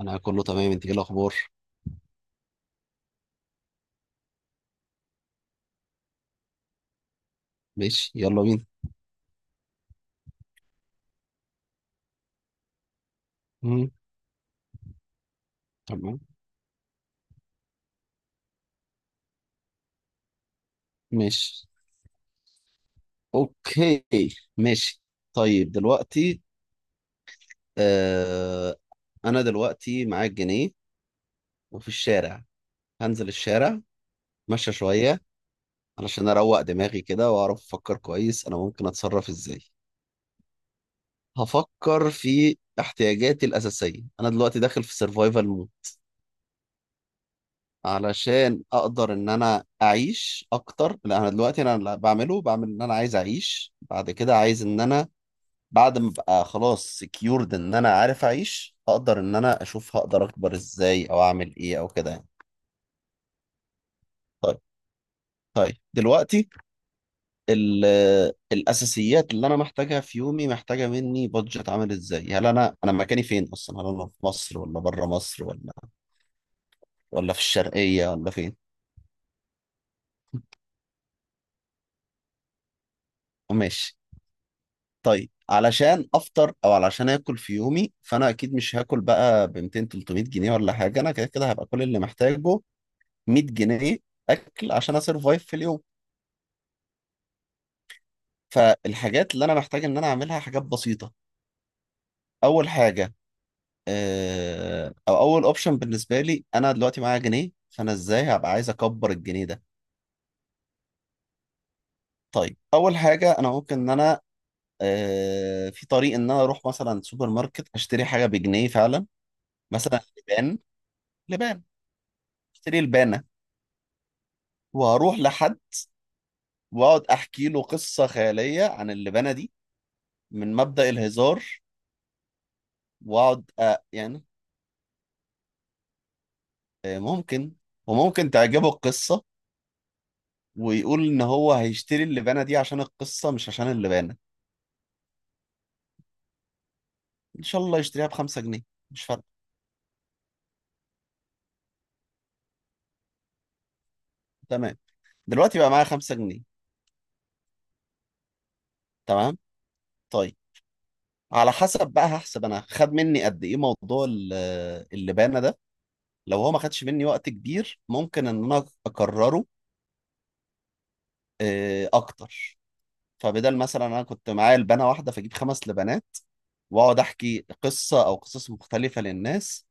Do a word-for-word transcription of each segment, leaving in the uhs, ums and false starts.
انا كله تمام، انت ايه الاخبار؟ ماشي، يلا بينا. مم. تمام. ماشي. اوكي. ماشي. طيب دلوقتي. آه، انا دلوقتي معايا الجنيه وفي الشارع. هنزل الشارع اتمشى شوية علشان اروق دماغي كده واعرف افكر كويس انا ممكن اتصرف ازاي. هفكر في احتياجاتي الاساسية. انا دلوقتي داخل في سرفايفل علشان اقدر ان انا اعيش اكتر. لا، انا دلوقتي انا اللي بعمله بعمل ان انا عايز اعيش، بعد كده عايز ان انا بعد ما ابقى خلاص سكيورد ان انا عارف اعيش، اقدر ان انا اشوف هقدر اكبر ازاي او اعمل ايه او كده يعني. طيب طيب دلوقتي ال- الاساسيات اللي انا محتاجها في يومي محتاجه مني بادجت عامل ازاي. هل انا انا مكاني فين اصلا؟ هل انا في مصر ولا بره مصر ولا ولا في الشرقيه ولا فين؟ ماشي. طيب علشان افطر او علشان اكل في يومي، فانا اكيد مش هاكل بقى ب مئتين تلتمية جنيه ولا حاجه. انا كده كده هبقى كل اللي محتاجه مية جنيه اكل عشان اسرفايف في اليوم. فالحاجات اللي انا محتاج ان انا اعملها حاجات بسيطه. اول حاجه، آه، او اول اوبشن بالنسبه لي انا دلوقتي معايا جنيه، فانا ازاي هبقى عايز اكبر الجنيه ده؟ طيب اول حاجه، انا ممكن ان انا آه، في طريق ان انا اروح مثلا سوبر ماركت اشتري حاجه بجنيه فعلا. مثلا لبان، لبان. اشتري لبانه واروح لحد واقعد احكي له قصه خياليه عن اللبنه دي من مبدأ الهزار، واقعد أ- يعني آه، ممكن وممكن تعجبه القصه ويقول ان هو هيشتري اللبانه دي عشان القصه مش عشان اللبانه. ان شاء الله يشتريها بخمسة جنيه، مش فارقه. تمام، دلوقتي بقى معايا خمسة جنيه. تمام. طيب على حسب بقى هحسب انا خد مني قد ايه موضوع ال- اللبانه ده. لو هو ما خدش مني وقت كبير، ممكن ان انا اكرره آه، اكتر. فبدل مثلا انا كنت معايا لبنه واحده، فاجيب خمس لبنات واقعد احكي قصه او قصص مختلفه للناس،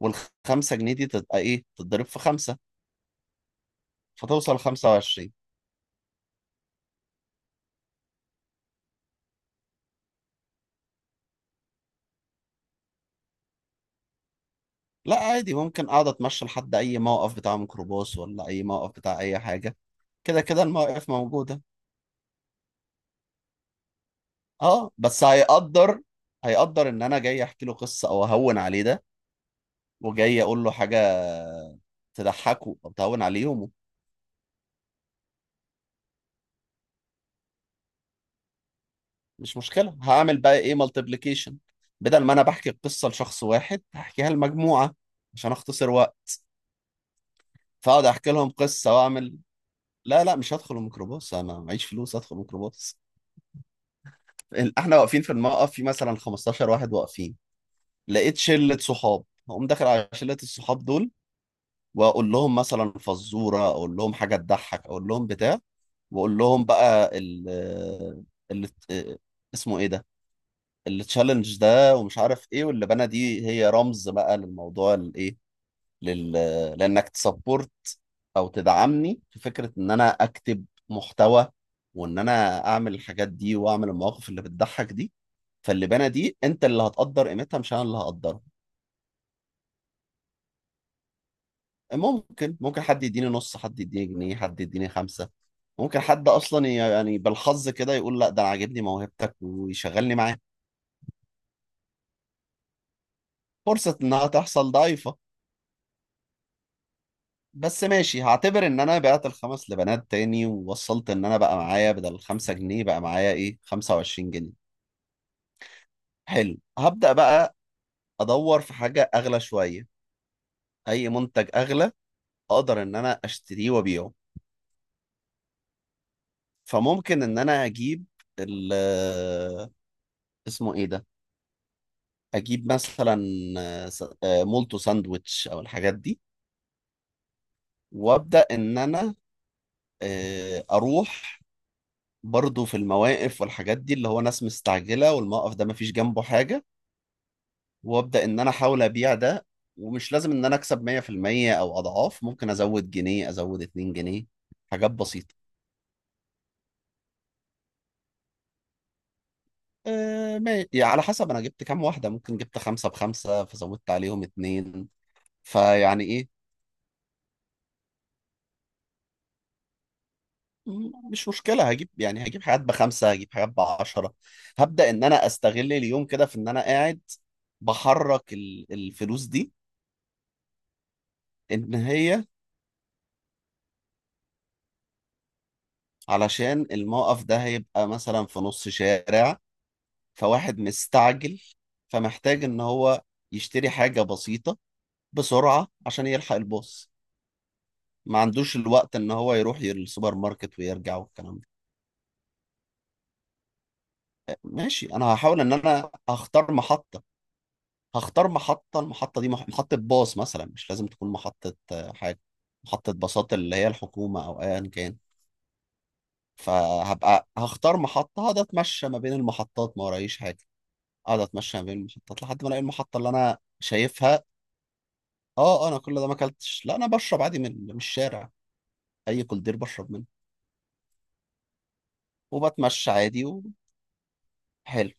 والخمسه جنيه دي تبقى ايه؟ تتضرب في خمسه فتوصل خمسة وعشرين. لا عادي، ممكن اقعد اتمشى لحد اي موقف بتاع ميكروباص ولا اي موقف بتاع اي حاجه. كده كده المواقف موجوده. اه بس هيقدر، هيقدر ان انا جاي احكي له قصه او اهون عليه ده، وجاي اقول له حاجه تضحكه او تهون عليه يومه. مش مشكلة، هعمل بقى ايه؟ مالتيبليكيشن. بدل ما انا بحكي القصة لشخص واحد، هحكيها لمجموعة عشان اختصر وقت. فاقعد احكي لهم قصة واعمل. لا لا، مش هدخل الميكروباص، انا معيش فلوس ادخل الميكروباص. ال- احنا واقفين في الموقف في مثلا خمستاشر واحد واقفين. لقيت شلة صحاب هقوم داخل على شلة الصحاب دول واقول لهم مثلا فزورة، اقول لهم حاجة تضحك، اقول لهم بتاع، واقول لهم بقى ال ال اسمه ايه ده، التشالنج ده ومش عارف ايه، واللبانه دي هي رمز بقى للموضوع الايه، لل... لانك تسبورت او تدعمني في فكره ان انا اكتب محتوى وان انا اعمل الحاجات دي واعمل المواقف اللي بتضحك دي. فاللبانه دي انت اللي هتقدر قيمتها، مش انا اللي هقدرها. ممكن، ممكن حد يديني نص، حد يديني جنيه، حد يديني خمسه. ممكن حد اصلا ي- يعني بالحظ كده يقول لا ده انا عاجبني موهبتك ويشغلني معاه. فرصه انها تحصل ضعيفه، بس ماشي. هعتبر ان انا بعت الخمس لبنات تاني ووصلت ان انا بقى معايا بدل الخمسة جنيه بقى معايا ايه؟ خمسة وعشرين جنيه. حلو، هبدأ بقى ادور في حاجة اغلى شوية، اي منتج اغلى اقدر ان انا اشتريه وابيعه. فممكن ان انا اجيب ال اسمه ايه ده، اجيب مثلا س- آه، مولتو، ساندويتش او الحاجات دي، وابدأ ان انا آه، اروح برضو في المواقف والحاجات دي اللي هو ناس مستعجلة والموقف ده مفيش جنبه حاجة، وابدا ان انا احاول ابيع ده. ومش لازم ان انا اكسب مية في المية او اضعاف، ممكن ازود جنيه، ازود اتنين جنيه، حاجات بسيطه. أه ما- يعني على حسب انا جبت كام واحده، ممكن جبت خمسه بخمسه فزودت عليهم اتنين. فيعني ايه، م- مش مشكله، هجيب يعني هجيب حاجات بخمسه، هجيب حاجات بعشره. هبدا ان انا استغل اليوم كده في ان انا قاعد بحرك ال- الفلوس دي. ان هي علشان الموقف ده هيبقى مثلا في نص شارع، فواحد مستعجل فمحتاج ان هو يشتري حاجة بسيطة بسرعة عشان يلحق الباص، ما عندوش الوقت ان هو يروح السوبر ماركت ويرجع والكلام ده. ماشي، انا هحاول ان انا هختار محطة. هختار محطة، المحطة دي مح- محطة باص مثلا، مش لازم تكون محطة آه، حاجة. محطة باصات اللي هي الحكومة او ايا كان، فهبقى هختار محطة هقعد اتمشى ما بين المحطات، ما ورايش حاجة. اقعد اتمشى ما بين المحطات لحد ما الاقي المحطة اللي انا شايفها. اه آه، انا كل ده ما اكلتش، لا انا بشرب عادي من من الشارع. اي كولدير بشرب منه وبتمشى عادي. وحلو،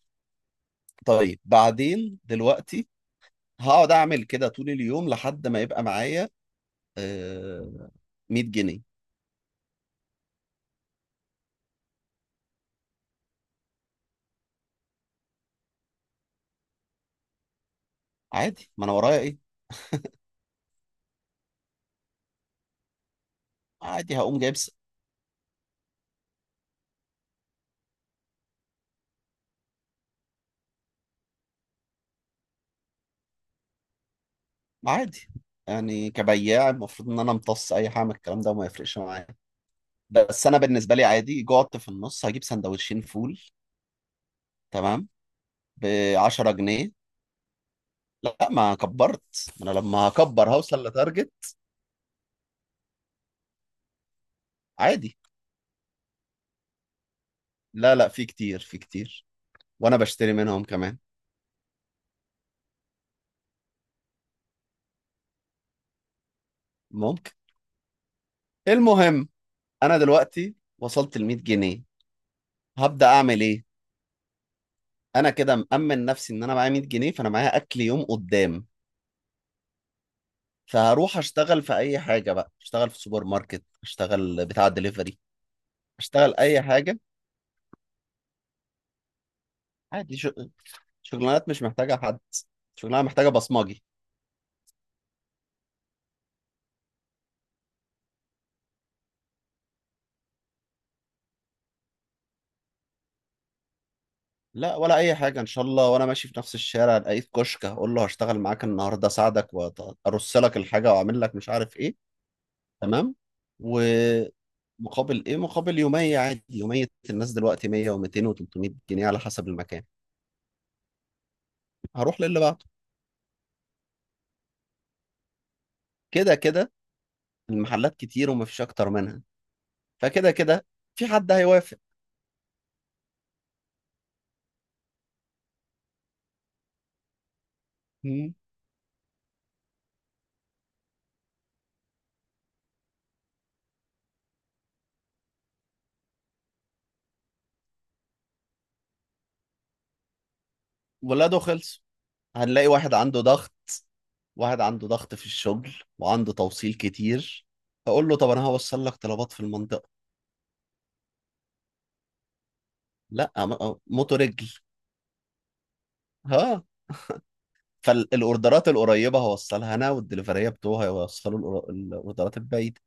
طيب بعدين دلوقتي هقعد اعمل كده طول اليوم لحد ما يبقى معايا آه مية جنيه. عادي، ما انا ورايا ايه؟ عادي هقوم جايب س- عادي، يعني كبياع المفروض ان انا امتص اي حاجه من الكلام ده وما يفرقش معايا. بس انا بالنسبه لي عادي، جعت في النص هجيب سندوتشين فول. تمام، ب عشرة جنيه. لا ما كبرت، ما انا لما هكبر هوصل لتارجت. عادي، لا لا في كتير، في كتير، وانا بشتري منهم كمان. ممكن. المهم، انا دلوقتي وصلت ل مية جنيه. هبدأ اعمل ايه؟ انا كده مأمن نفسي ان انا معايا مية جنيه، فانا معايا اكل يوم قدام. فهروح اشتغل في اي حاجة بقى، اشتغل في سوبر ماركت، اشتغل بتاع دليفري، اشتغل اي حاجة. عادي شو... شغلانات مش محتاجة حد، شغلانة محتاجة بصمجي. لا ولا اي حاجة ان شاء الله. وانا ماشي في نفس الشارع الاقيت كشك هقول له هشتغل معاك النهاردة، اساعدك وارص لك الحاجة واعمل لك مش عارف ايه. تمام. ومقابل ايه؟ مقابل يومية عادي، يومية الناس دلوقتي مية و200 و300 جنيه على حسب المكان. هروح للي بعده، كده كده المحلات كتير ومفيش اكتر منها. فكده كده في حد هيوافق. مم. ولاده خلص، هنلاقي واحد عنده ضغط، واحد عنده ضغط في الشغل وعنده توصيل كتير، فاقول له طب انا هوصل لك طلبات في المنطقة. لا م- موتو رجل. ها، فالاوردرات القريبة هوصلها انا، والدليفرية بتوعها هيوصلوا الأور- الاوردرات البعيدة.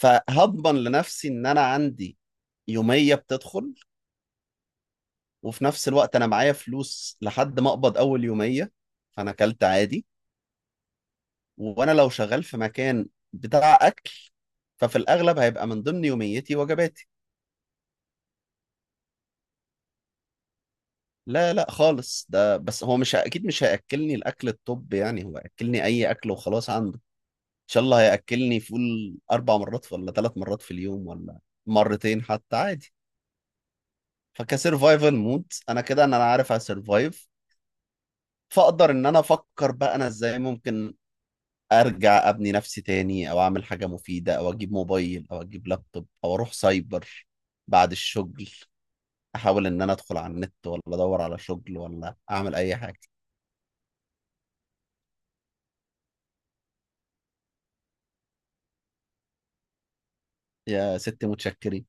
فهضمن لنفسي ان انا عندي يوميه بتدخل، وفي نفس الوقت انا معايا فلوس لحد ما اقبض اول يوميه. فانا اكلت عادي، وانا لو شغال في مكان بتاع اكل ففي الاغلب هيبقى من ضمن يوميتي وجباتي. لا لا خالص، ده بس هو مش اكيد، مش هياكلني الاكل الطب يعني، هو هياكلني اي اكل وخلاص عنده. ان شاء الله هياكلني فول اربع مرات في- ولا ثلاث مرات في اليوم، ولا مرتين حتى عادي. فكسرفايفل مود انا كده، ان انا عارف اسرفايف. فاقدر ان انا افكر بقى انا ازاي ممكن ارجع ابني نفسي تاني، او اعمل حاجه مفيده، او اجيب موبايل، او اجيب لابتوب، او اروح سايبر بعد الشغل، احاول ان انا ادخل على النت ولا ادور على شغل ولا اعمل اي حاجه. يا ست متشكرين.